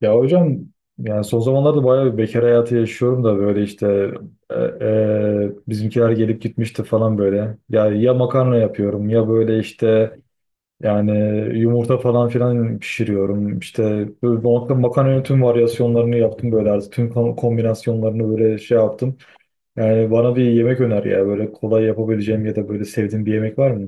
Ya hocam, yani son zamanlarda bayağı bir bekar hayatı yaşıyorum da böyle işte e, bizimkiler gelip gitmişti falan böyle. Yani ya makarna yapıyorum, ya böyle işte yani yumurta falan filan pişiriyorum. İşte böyle makarna, makarnanın tüm varyasyonlarını yaptım, böyle artık tüm kombinasyonlarını böyle şey yaptım. Yani bana bir yemek öner ya, böyle kolay yapabileceğim ya da böyle sevdiğim bir yemek var mı?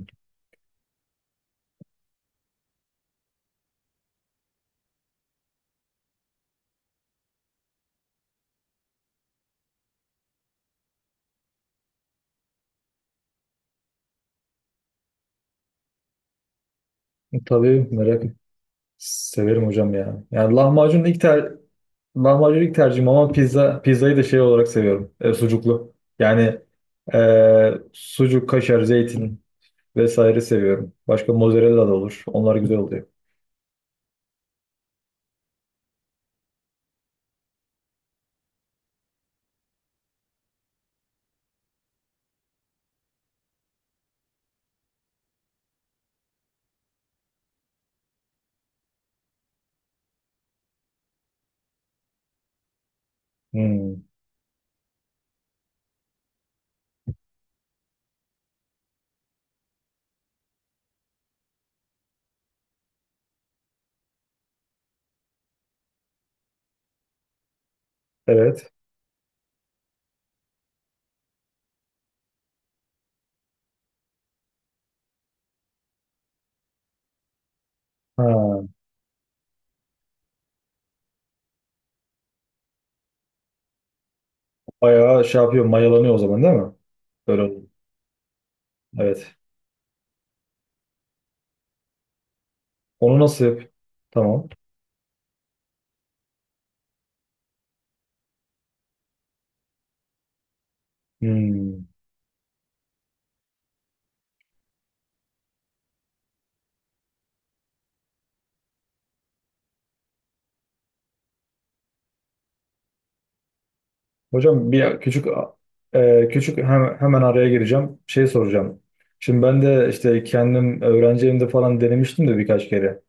Tabii, severim hocam ya. Yani lahmacun ilk tercihim, ama pizzayı da şey olarak seviyorum. Sucuklu. Yani sucuk, kaşar, zeytin vesaire seviyorum. Başka mozzarella da olur. Onlar güzel oluyor. Hmm. Evet. Ha, bayağı şey yapıyor, mayalanıyor o zaman, değil mi? Böyle oluyor. Evet. Onu nasıl yap? Tamam. Hmm. Hocam, bir küçük hemen araya gireceğim. Şey soracağım. Şimdi ben de işte kendim öğrenci evimde falan denemiştim de birkaç kere.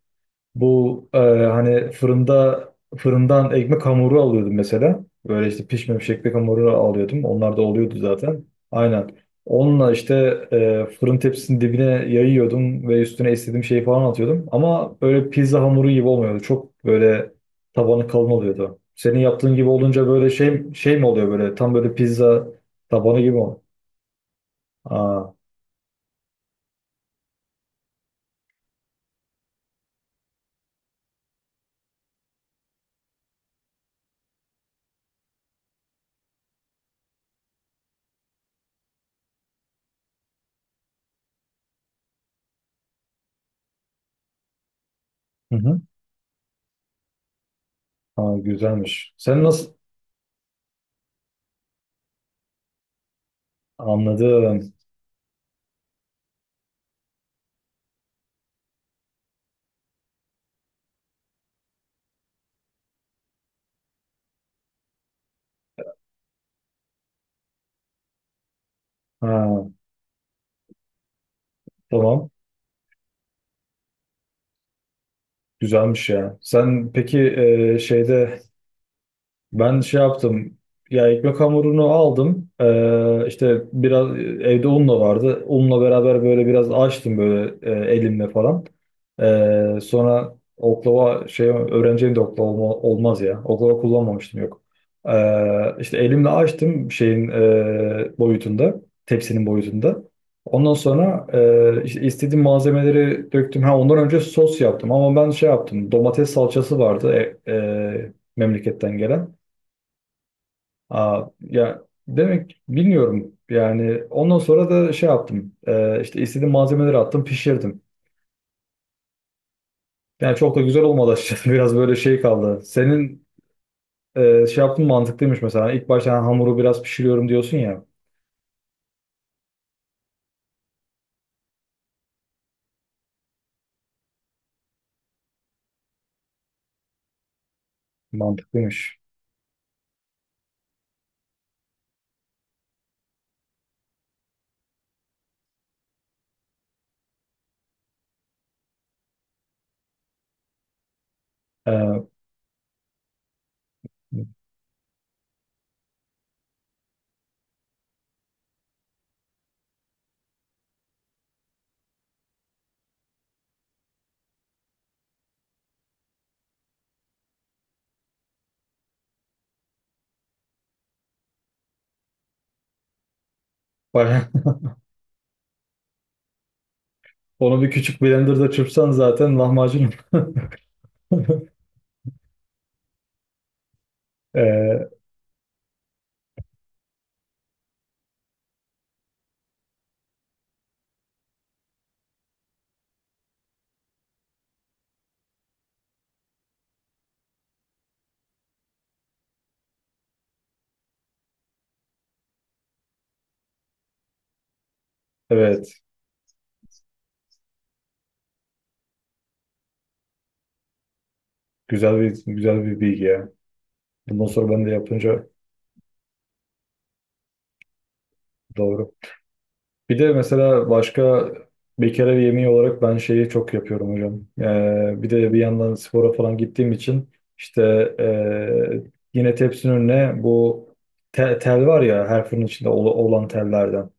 Bu, hani fırından ekmek hamuru alıyordum mesela. Böyle işte pişmemiş ekmek hamuru alıyordum. Onlar da oluyordu zaten. Aynen. Onunla işte fırın tepsisinin dibine yayıyordum ve üstüne istediğim şeyi falan atıyordum. Ama böyle pizza hamuru gibi olmuyordu. Çok böyle tabanı kalın oluyordu. Senin yaptığın gibi olunca böyle şey mi oluyor, böyle tam böyle pizza tabanı gibi mi? Aa, hı hı. Aa, güzelmiş. Sen nasıl anladım? Ha, tamam. Güzelmiş ya. Sen peki şeyde ben şey yaptım. Ya, ekmek hamurunu aldım. İşte biraz evde un da vardı. Unla beraber böyle biraz açtım böyle, elimle falan. Sonra oklava şey öğreneceğim de oklava olmaz ya. Oklava kullanmamıştım, yok. İşte elimle açtım şeyin boyutunda. Tepsinin boyutunda. Ondan sonra işte istediğim malzemeleri döktüm. Ha, ondan önce sos yaptım ama ben şey yaptım. Domates salçası vardı, memleketten gelen. Aa, ya, demek bilmiyorum yani ondan sonra da şey yaptım. İşte istediğim malzemeleri attım, pişirdim. Yani çok da güzel olmadı açıkçası, biraz böyle şey kaldı. Senin şey yaptığın mantıklıymış mesela, ilk başta hani hamuru biraz pişiriyorum diyorsun ya, mantıklıymış. Ee, bayağı- onu bir küçük blenderda çırpsan zaten lahmacun. Ee, evet, güzel bir bilgi ya. Bundan sonra ben de yapınca doğru. Bir de mesela başka bir kere bir yemeği olarak ben şeyi çok yapıyorum hocam. Bir de bir yandan spora falan gittiğim için işte ee, yine tepsinin önüne bu tel, tel var ya, her fırın içinde olan tellerden.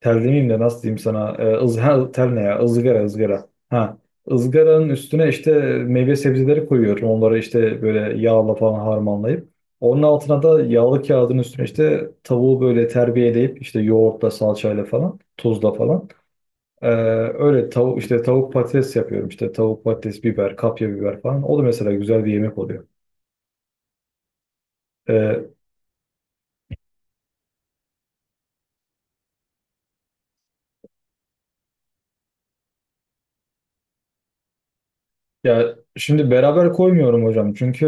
Tel demeyeyim de nasıl diyeyim sana? Ha, tel ne ya? Izgara, ızgara. Ha. ızgaranın üstüne işte meyve sebzeleri koyuyorum. Onları işte böyle yağla falan harmanlayıp. Onun altına da yağlı kağıdın üstüne işte tavuğu böyle terbiyeleyip, işte yoğurtla, salçayla falan, tuzla falan. Ee, öyle tavuk işte tavuk patates yapıyorum. İşte tavuk patates, biber, kapya biber falan. O da mesela güzel bir yemek oluyor. Ee, Ya şimdi beraber koymuyorum hocam. Çünkü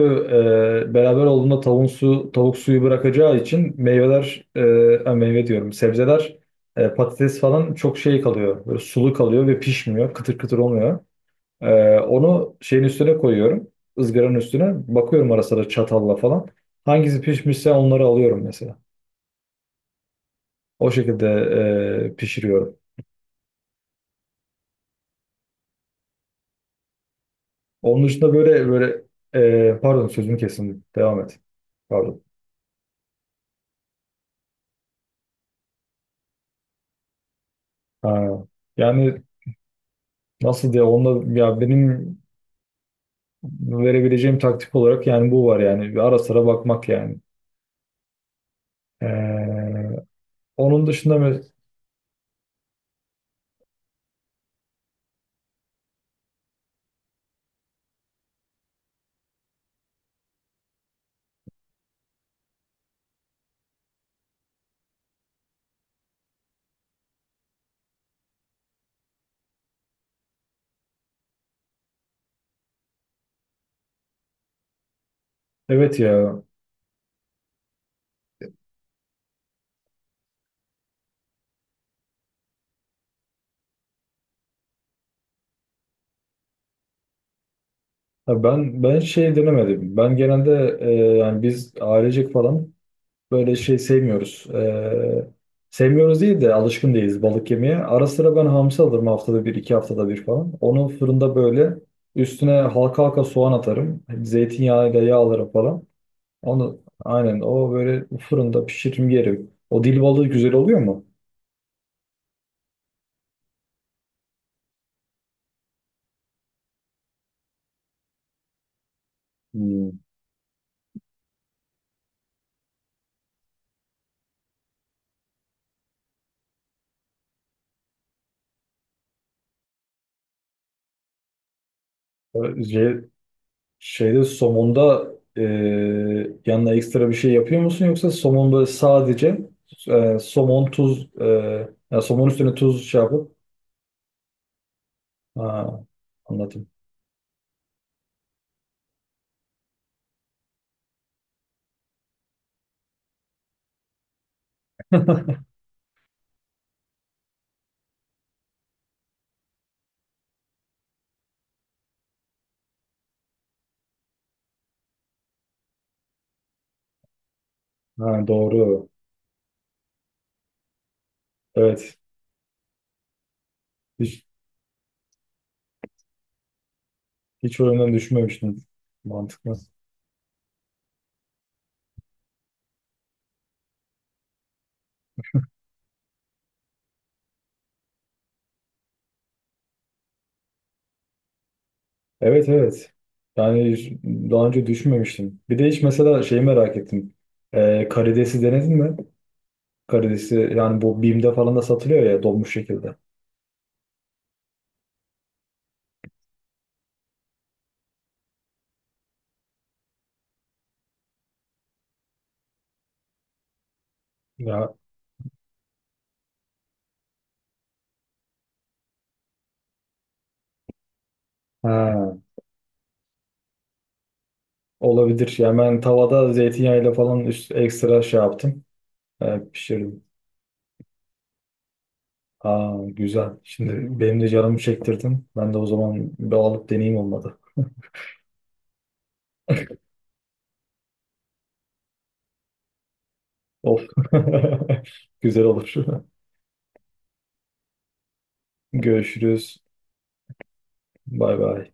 beraber olduğunda tavuk suyu bırakacağı için meyveler, meyve diyorum, sebzeler, patates falan çok şey kalıyor. Böyle sulu kalıyor ve pişmiyor. Kıtır kıtır olmuyor. Onu şeyin üstüne koyuyorum. Izgaranın üstüne. Bakıyorum ara sıra çatalla falan. Hangisi pişmişse onları alıyorum mesela. O şekilde pişiriyorum. Onun dışında böyle böyle pardon, sözümü kesin. Devam et. Pardon. Ha. Yani nasıl diye onda, ya benim verebileceğim taktik olarak yani bu var yani. Bir ara sıra bakmak yani. Ee, onun dışında evet ya. Ya, ben şey denemedim. Ben genelde yani biz ailecek falan böyle şey sevmiyoruz. Sevmiyoruz değil de alışkın değiliz balık yemeye. Ara sıra ben hamsi alırım, haftada bir, iki haftada bir falan. Onu fırında böyle üstüne halka halka soğan atarım. Zeytinyağıyla yağlarım falan. Onu aynen o böyle fırında pişirim yeri. O dil balığı güzel oluyor mu? Hmm. Böyle şey, şeyde, somonda yanına ekstra bir şey yapıyor musun, yoksa somon böyle sadece somon tuz yani somon üstüne tuz şey yapıp, ha, anladım. Ha, doğru. Evet. Hiç, hiç o yönden düşünmemiştim. Mantıklı. Evet, evet. Yani daha önce düşünmemiştim. Bir de hiç mesela şeyi merak ettim. Karidesi denedin mi? Karidesi yani bu Bim'de falan da satılıyor ya, donmuş şekilde. Ya, ha. Olabilir. Yani ben tavada zeytinyağıyla falan ekstra şey yaptım. Pişirdim. Aa, güzel. Şimdi benim de canımı çektirdin. Ben de o zaman bir alıp deneyeyim, olmadı. Of. Güzel olur. Görüşürüz. Bay bay.